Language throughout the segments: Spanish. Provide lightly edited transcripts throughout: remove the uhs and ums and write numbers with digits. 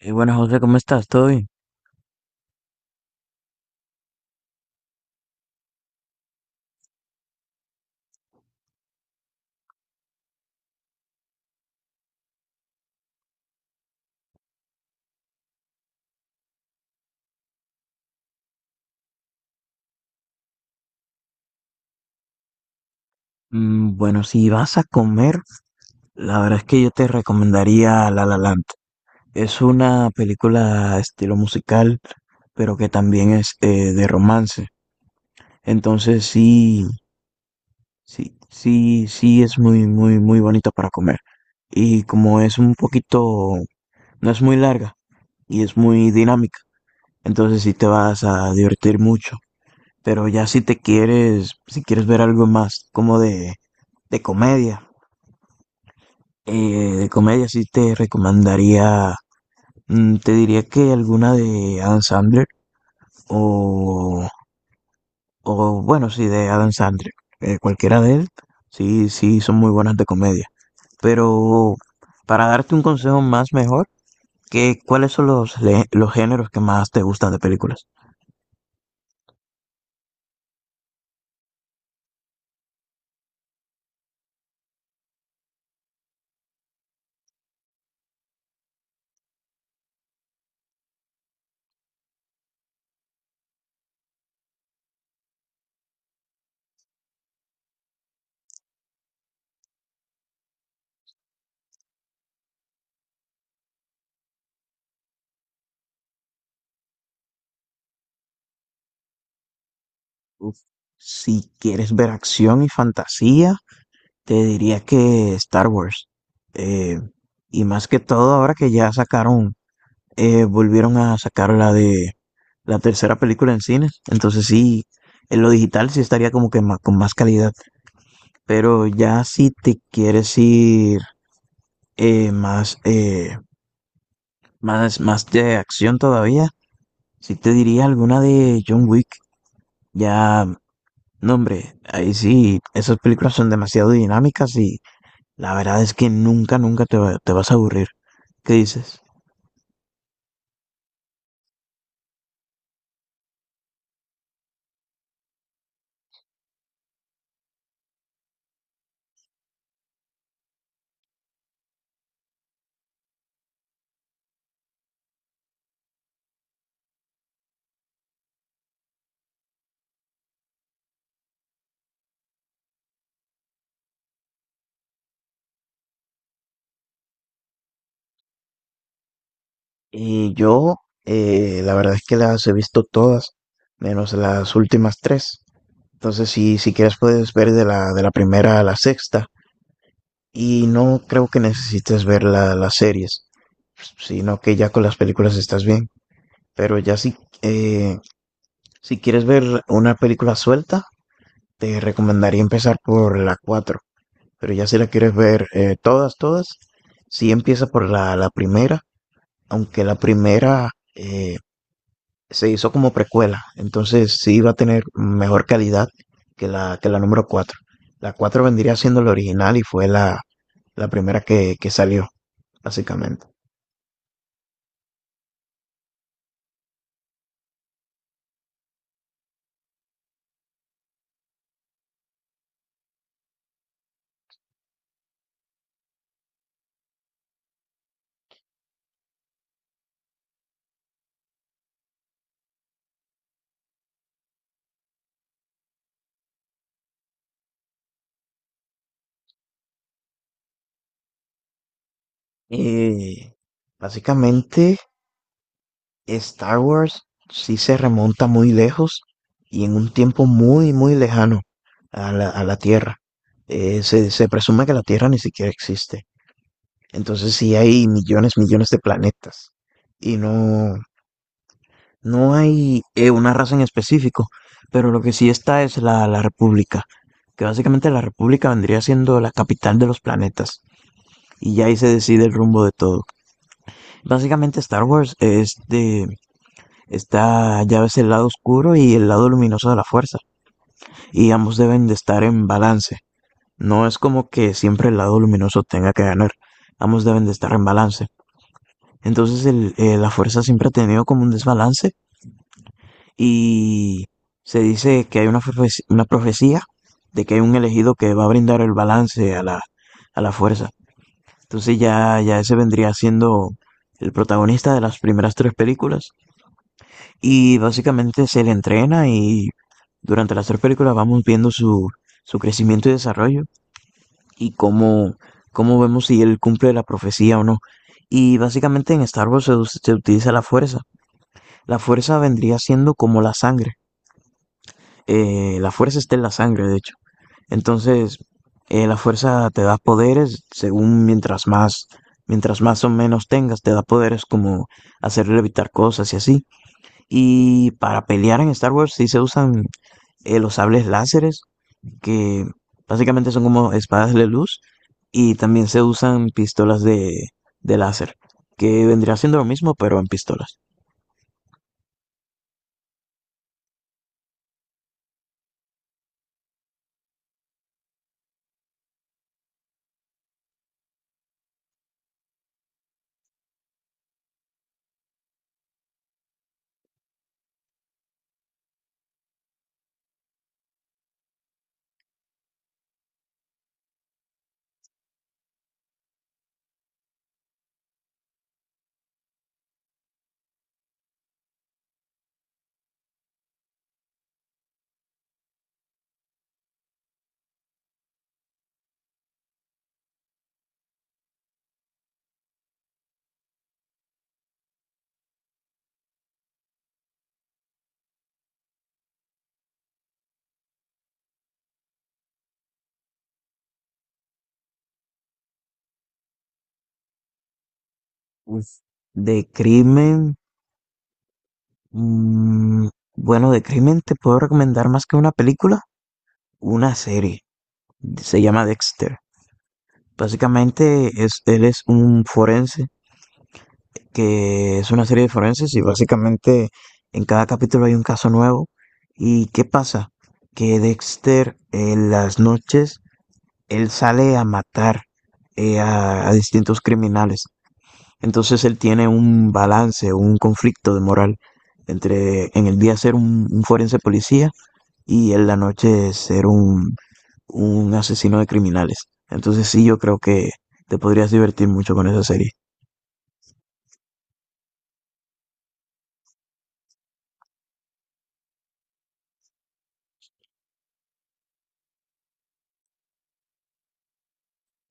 Buenas, José, ¿cómo estás? ¿Todo bien? Bueno, si vas a comer, la verdad es que yo te recomendaría La La Land. Es una película estilo musical, pero que también es de romance. Entonces sí, sí, sí, sí es muy, muy, muy bonito para comer. Y como es un poquito, no es muy larga y es muy dinámica, entonces sí te vas a divertir mucho. Pero ya si quieres ver algo más como de comedia, de comedia sí te recomendaría, te diría que alguna de Adam Sandler o, o bueno, sí, de Adam Sandler. Cualquiera de él, sí, sí, son muy buenas de comedia. Pero para darte un consejo más mejor, ¿ cuáles son los géneros que más te gustan de películas? Uf, si quieres ver acción y fantasía, te diría que Star Wars. Eh, y más que todo, ahora que volvieron a sacar la de la tercera película en cine. Entonces sí, en lo digital sí estaría como que con más calidad. Pero ya si te quieres ir más, más de acción todavía, sí te diría alguna de John Wick. Ya, no hombre, ahí sí, esas películas son demasiado dinámicas y la verdad es que nunca te vas a aburrir. ¿Qué dices? Y yo, la verdad es que las he visto todas, menos las últimas tres. Entonces, si quieres, puedes ver de la primera a la sexta. Y no creo que necesites ver las series, sino que ya con las películas estás bien. Pero ya eh, si quieres ver una película suelta, te recomendaría empezar por la cuatro. Pero ya si la quieres ver todas, todas, sí empieza por la primera, aunque la primera se hizo como precuela, entonces sí iba a tener mejor calidad que la número 4. La 4 vendría siendo la original y fue la primera que salió, básicamente. Y básicamente Star Wars sí se remonta muy lejos y en un tiempo muy, muy lejano a la Tierra. Se presume que la Tierra ni siquiera existe. Entonces sí hay millones, millones de planetas y no, no hay una raza en específico, pero lo que sí está es la República, que básicamente la República vendría siendo la capital de los planetas y ya ahí se decide el rumbo de todo. Básicamente Star Wars es de, está ya ves el lado oscuro y el lado luminoso de la fuerza y ambos deben de estar en balance. No es como que siempre el lado luminoso tenga que ganar, ambos deben de estar en balance. Entonces la fuerza siempre ha tenido como un desbalance y se dice que hay una profecía de que hay un elegido que va a brindar el balance a la fuerza. Entonces ya ese vendría siendo el protagonista de las primeras tres películas y básicamente se le entrena y durante las tres películas vamos viendo su crecimiento y desarrollo y cómo vemos si él cumple la profecía o no. Y básicamente en Star Wars se utiliza la fuerza. La fuerza vendría siendo como la sangre. La fuerza está en la sangre, de hecho. Entonces, la fuerza te da poderes según mientras más o menos tengas, te da poderes como hacer levitar cosas y así. Y para pelear en Star Wars sí se usan los sables láseres, que básicamente son como espadas de luz, y también se usan pistolas de láser, que vendría siendo lo mismo, pero en pistolas. Uf, de crimen. mm, bueno, de crimen te puedo recomendar más que una película, una serie. Se llama Dexter. Básicamente es, él es un forense que es una serie de forenses y básicamente en cada capítulo hay un caso nuevo. ¿Y qué pasa? Que Dexter en las noches, él sale a matar a distintos criminales. Entonces él tiene un balance, un conflicto de moral entre en el día ser un forense policía y en la noche ser un asesino de criminales. Entonces sí, yo creo que te podrías divertir mucho con esa serie.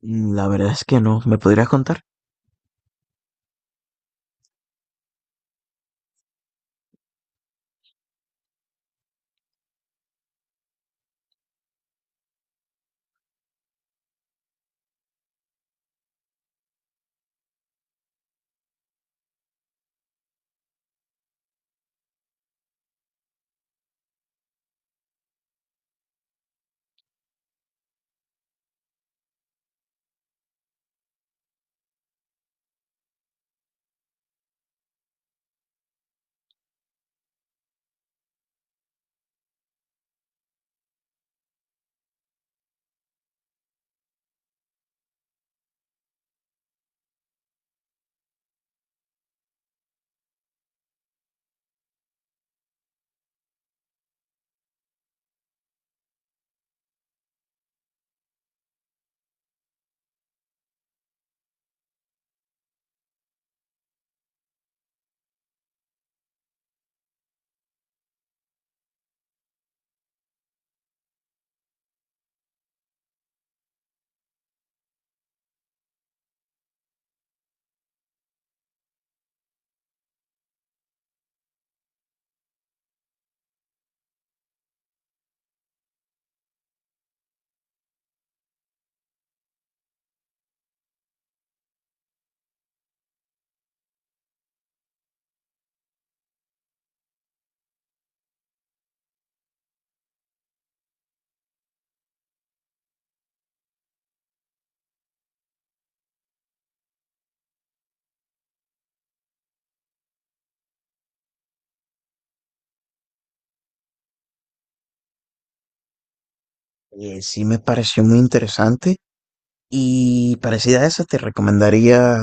La verdad es que no. ¿Me podrías contar? Sí me pareció muy interesante y parecida a esa te recomendaría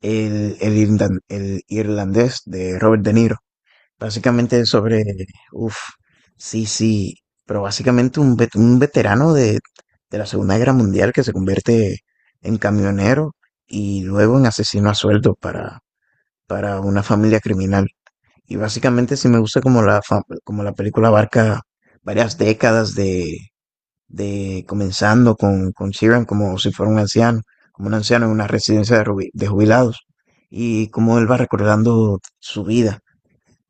el irlandés de Robert De Niro. Básicamente es sobre, uff, sí, sí, pero básicamente un veterano de la Segunda Guerra Mundial que se convierte en camionero y luego en asesino a sueldo para una familia criminal. Y básicamente sí me gusta como la película abarca varias décadas de comenzando con Sheeran como si fuera un anciano, como un anciano en una residencia de jubilados, y cómo él va recordando su vida.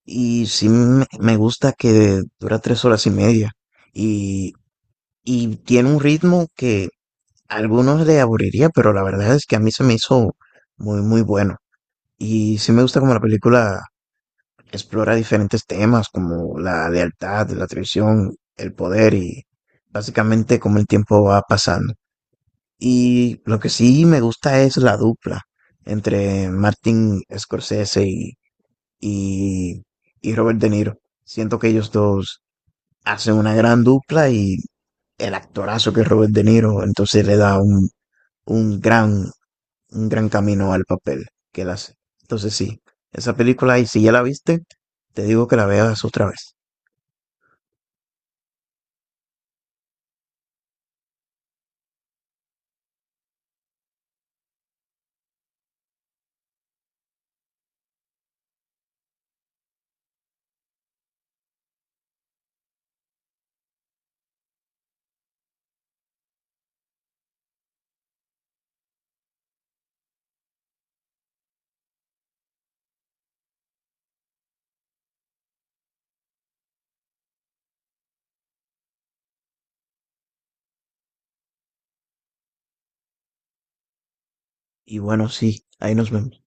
Y sí me gusta que dura 3 horas y media, y, y tiene un ritmo que a algunos le aburriría, pero la verdad es que a mí se me hizo muy, muy bueno. Y sí me gusta como la película explora diferentes temas como la lealtad, la traición, el poder y básicamente cómo el tiempo va pasando. Y lo que sí me gusta es la dupla entre Martin Scorsese y, y Robert De Niro. Siento que ellos dos hacen una gran dupla y el actorazo que es Robert De Niro, entonces le da un gran, un gran camino al papel que él hace. Entonces sí, esa película, y si ya la viste, te digo que la veas otra vez. Y bueno, sí, ahí nos vemos.